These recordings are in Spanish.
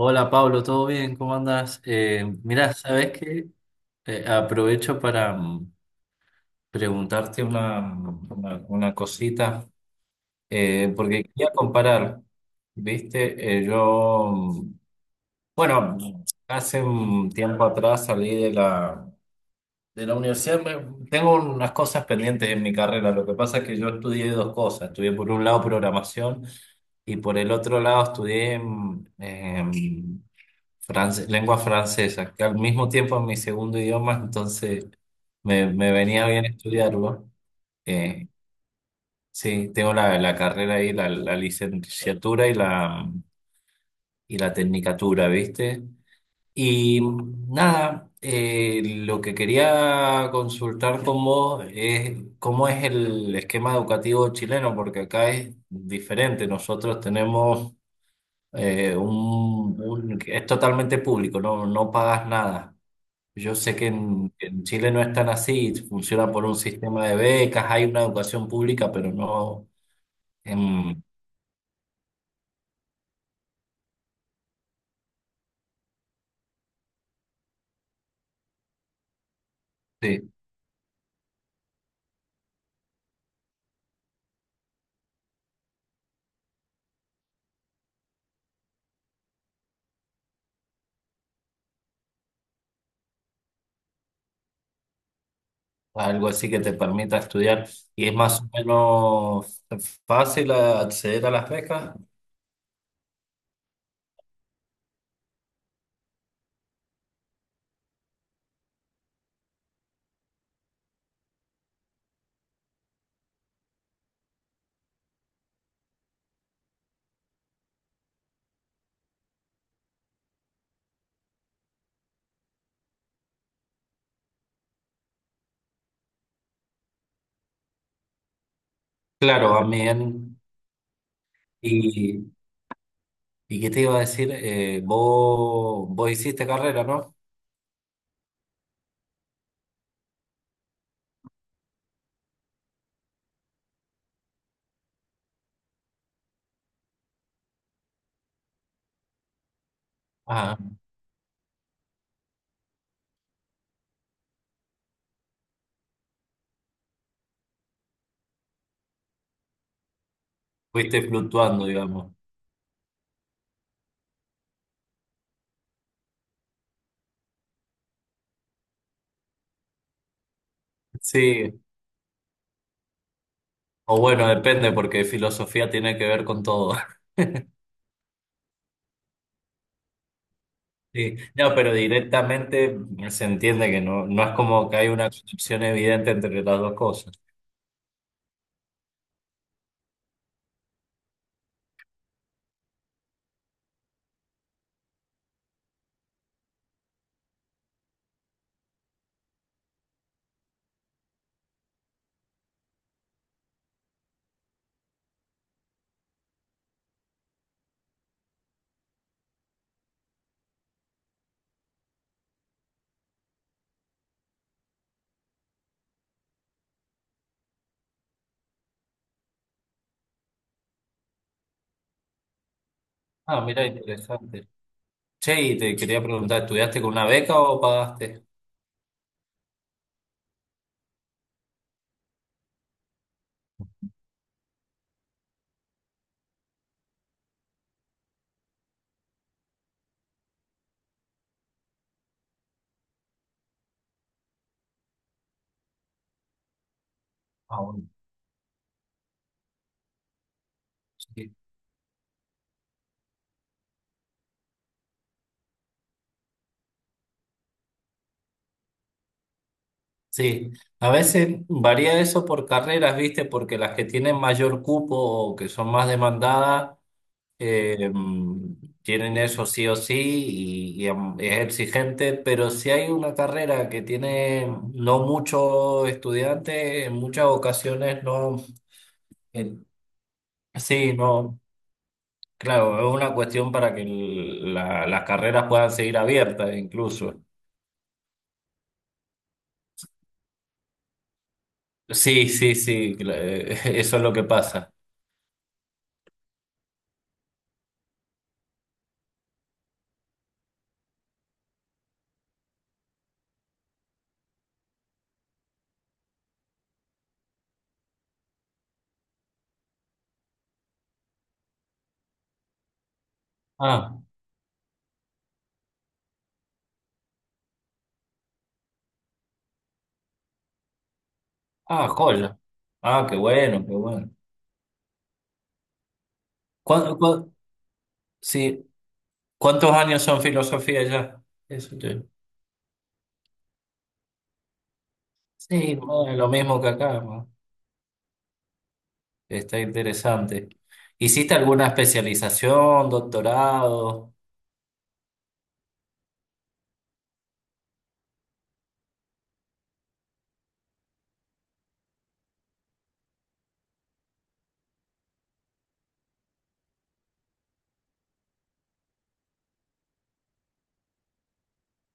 Hola Pablo, ¿todo bien? ¿Cómo andas? Mirá, ¿sabes qué? Aprovecho para preguntarte una cosita, porque quería comparar, ¿viste? Yo, bueno, hace un tiempo atrás salí de la universidad. Tengo unas cosas pendientes en mi carrera. Lo que pasa es que yo estudié dos cosas. Estudié por un lado programación y por el otro lado estudié lengua francesa, que al mismo tiempo es mi segundo idioma, entonces me venía bien estudiarlo. Eh, sí, tengo la carrera ahí, la licenciatura y la tecnicatura, ¿viste? Y nada, lo que quería consultar con vos es cómo es el esquema educativo chileno, porque acá es diferente. Nosotros tenemos es totalmente público, no, no pagas nada. Yo sé que en Chile no es tan así, funciona por un sistema de becas, hay una educación pública, pero no em, sí, algo así que te permita estudiar. Y es más o menos fácil acceder a las becas. Claro, también. ¿Y, y qué te iba a decir? Vos hiciste carrera, ¿no? Ah, fuiste fluctuando, digamos. Sí, o bueno, depende, porque filosofía tiene que ver con todo. Sí, no, pero directamente se entiende que no, no es como que hay una conexión evidente entre las dos cosas. Ah, mira, interesante. Che, y te quería preguntar, ¿estudiaste con una beca o pagaste? Ah, bueno, sí. Sí, a veces varía eso por carreras, ¿viste? Porque las que tienen mayor cupo o que son más demandadas, eh, tienen eso sí o sí, y es exigente, pero si hay una carrera que tiene no muchos estudiantes, en muchas ocasiones no, el- sí, no, claro, es una cuestión para que las carreras puedan seguir abiertas incluso. Sí, sí, sí, eso es lo que pasa. Ah. Ah, joya. Ah, qué bueno, qué bueno. ¿Cuán- cuán- sí, ¿cuántos años son filosofía ya? Eso te- Sí, bueno, lo mismo que acá, ¿no? Está interesante. ¿Hiciste alguna especialización, doctorado?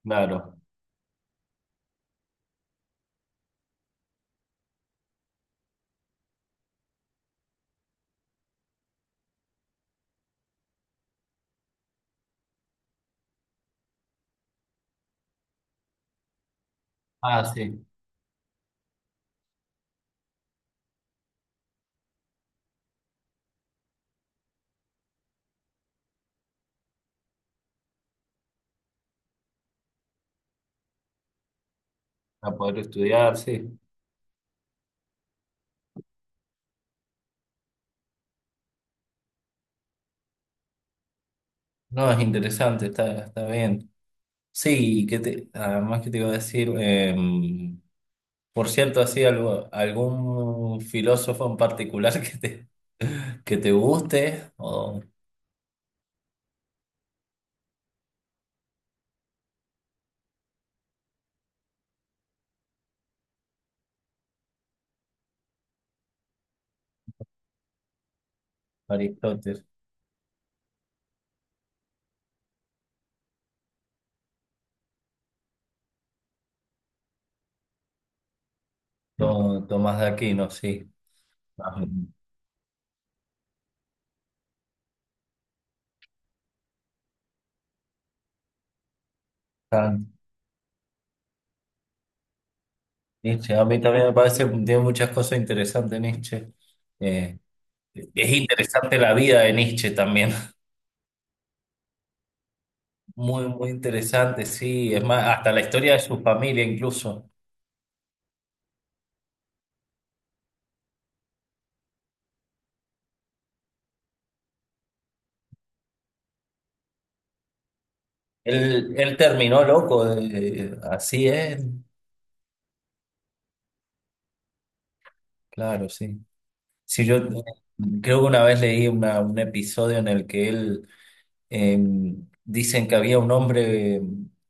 Claro. Ah, sí, para poder estudiar, sí. No, es interesante, está bien. Sí, que te, además que te iba a decir, por cierto, así algún filósofo en particular que te guste, o Aristóteles, Tomás de Aquino, sí. Ah, Kant, Nietzsche, a mí también me parece que tiene muchas cosas interesantes Nietzsche. Eh, es interesante la vida de Nietzsche también. Muy, muy interesante, sí. Es más, hasta la historia de su familia incluso. Él terminó loco, así es. Claro, sí. Sí, yo creo que una vez leí un episodio en el que él, Eh, dicen, que había un hombre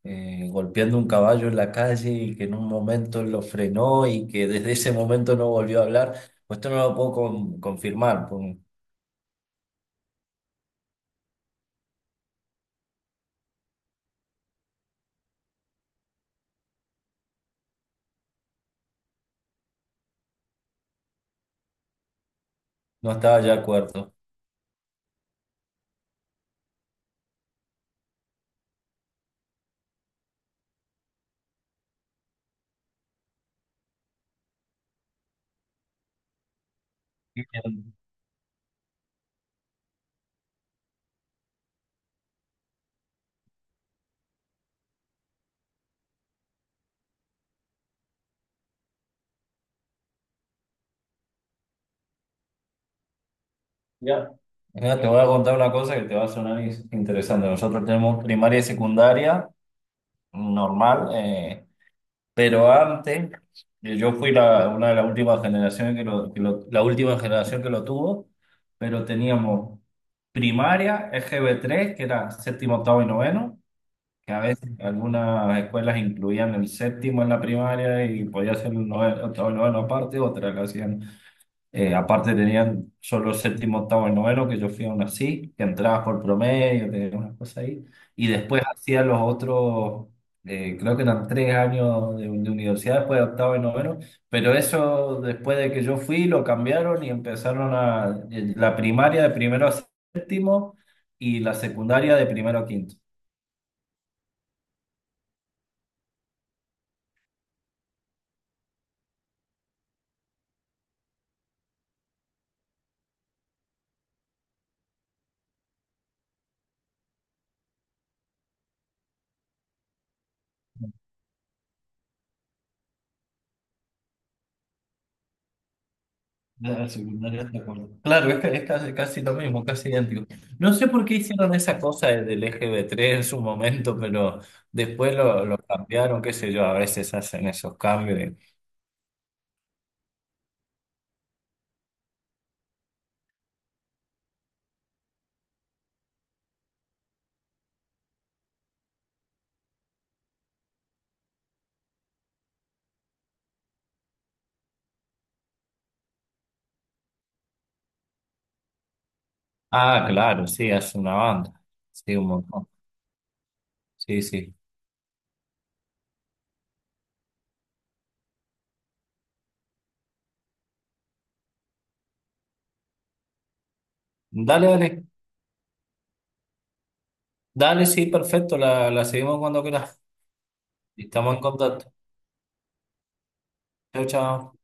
golpeando un caballo en la calle y que en un momento lo frenó y que desde ese momento no volvió a hablar. Pues esto no lo puedo confirmar, pues no estaba ya de acuerdo. Bien. Ya. Mira, te voy a contar una cosa que te va a sonar interesante. Nosotros tenemos primaria y secundaria normal. Pero antes, yo fui una de las últimas generaciones la última generación que lo tuvo, pero teníamos primaria, EGB3, que era séptimo, octavo y noveno, que a veces algunas escuelas incluían el séptimo en la primaria y podía ser el noveno, octavo y noveno aparte, otras lo hacían aparte, tenían solo séptimo, octavo y noveno, que yo fui aún así, que entrabas por promedio, tenías unas cosas ahí. Y después hacía los otros, creo que eran 3 años de universidad después de octavo y noveno, pero eso, después de que yo fui, lo cambiaron y empezaron a la primaria de primero a séptimo y la secundaria de primero a quinto. La secundaria está claro, es casi, casi lo mismo, casi idéntico. No sé por qué hicieron esa cosa del EGB3 en su momento, pero después lo cambiaron, qué sé yo, a veces hacen esos cambios. Ah, claro, sí, hace una banda. Sí, un montón. Sí, sí. Dale, dale. Dale, sí, perfecto. La seguimos cuando quieras. Estamos en contacto. Chao, chao.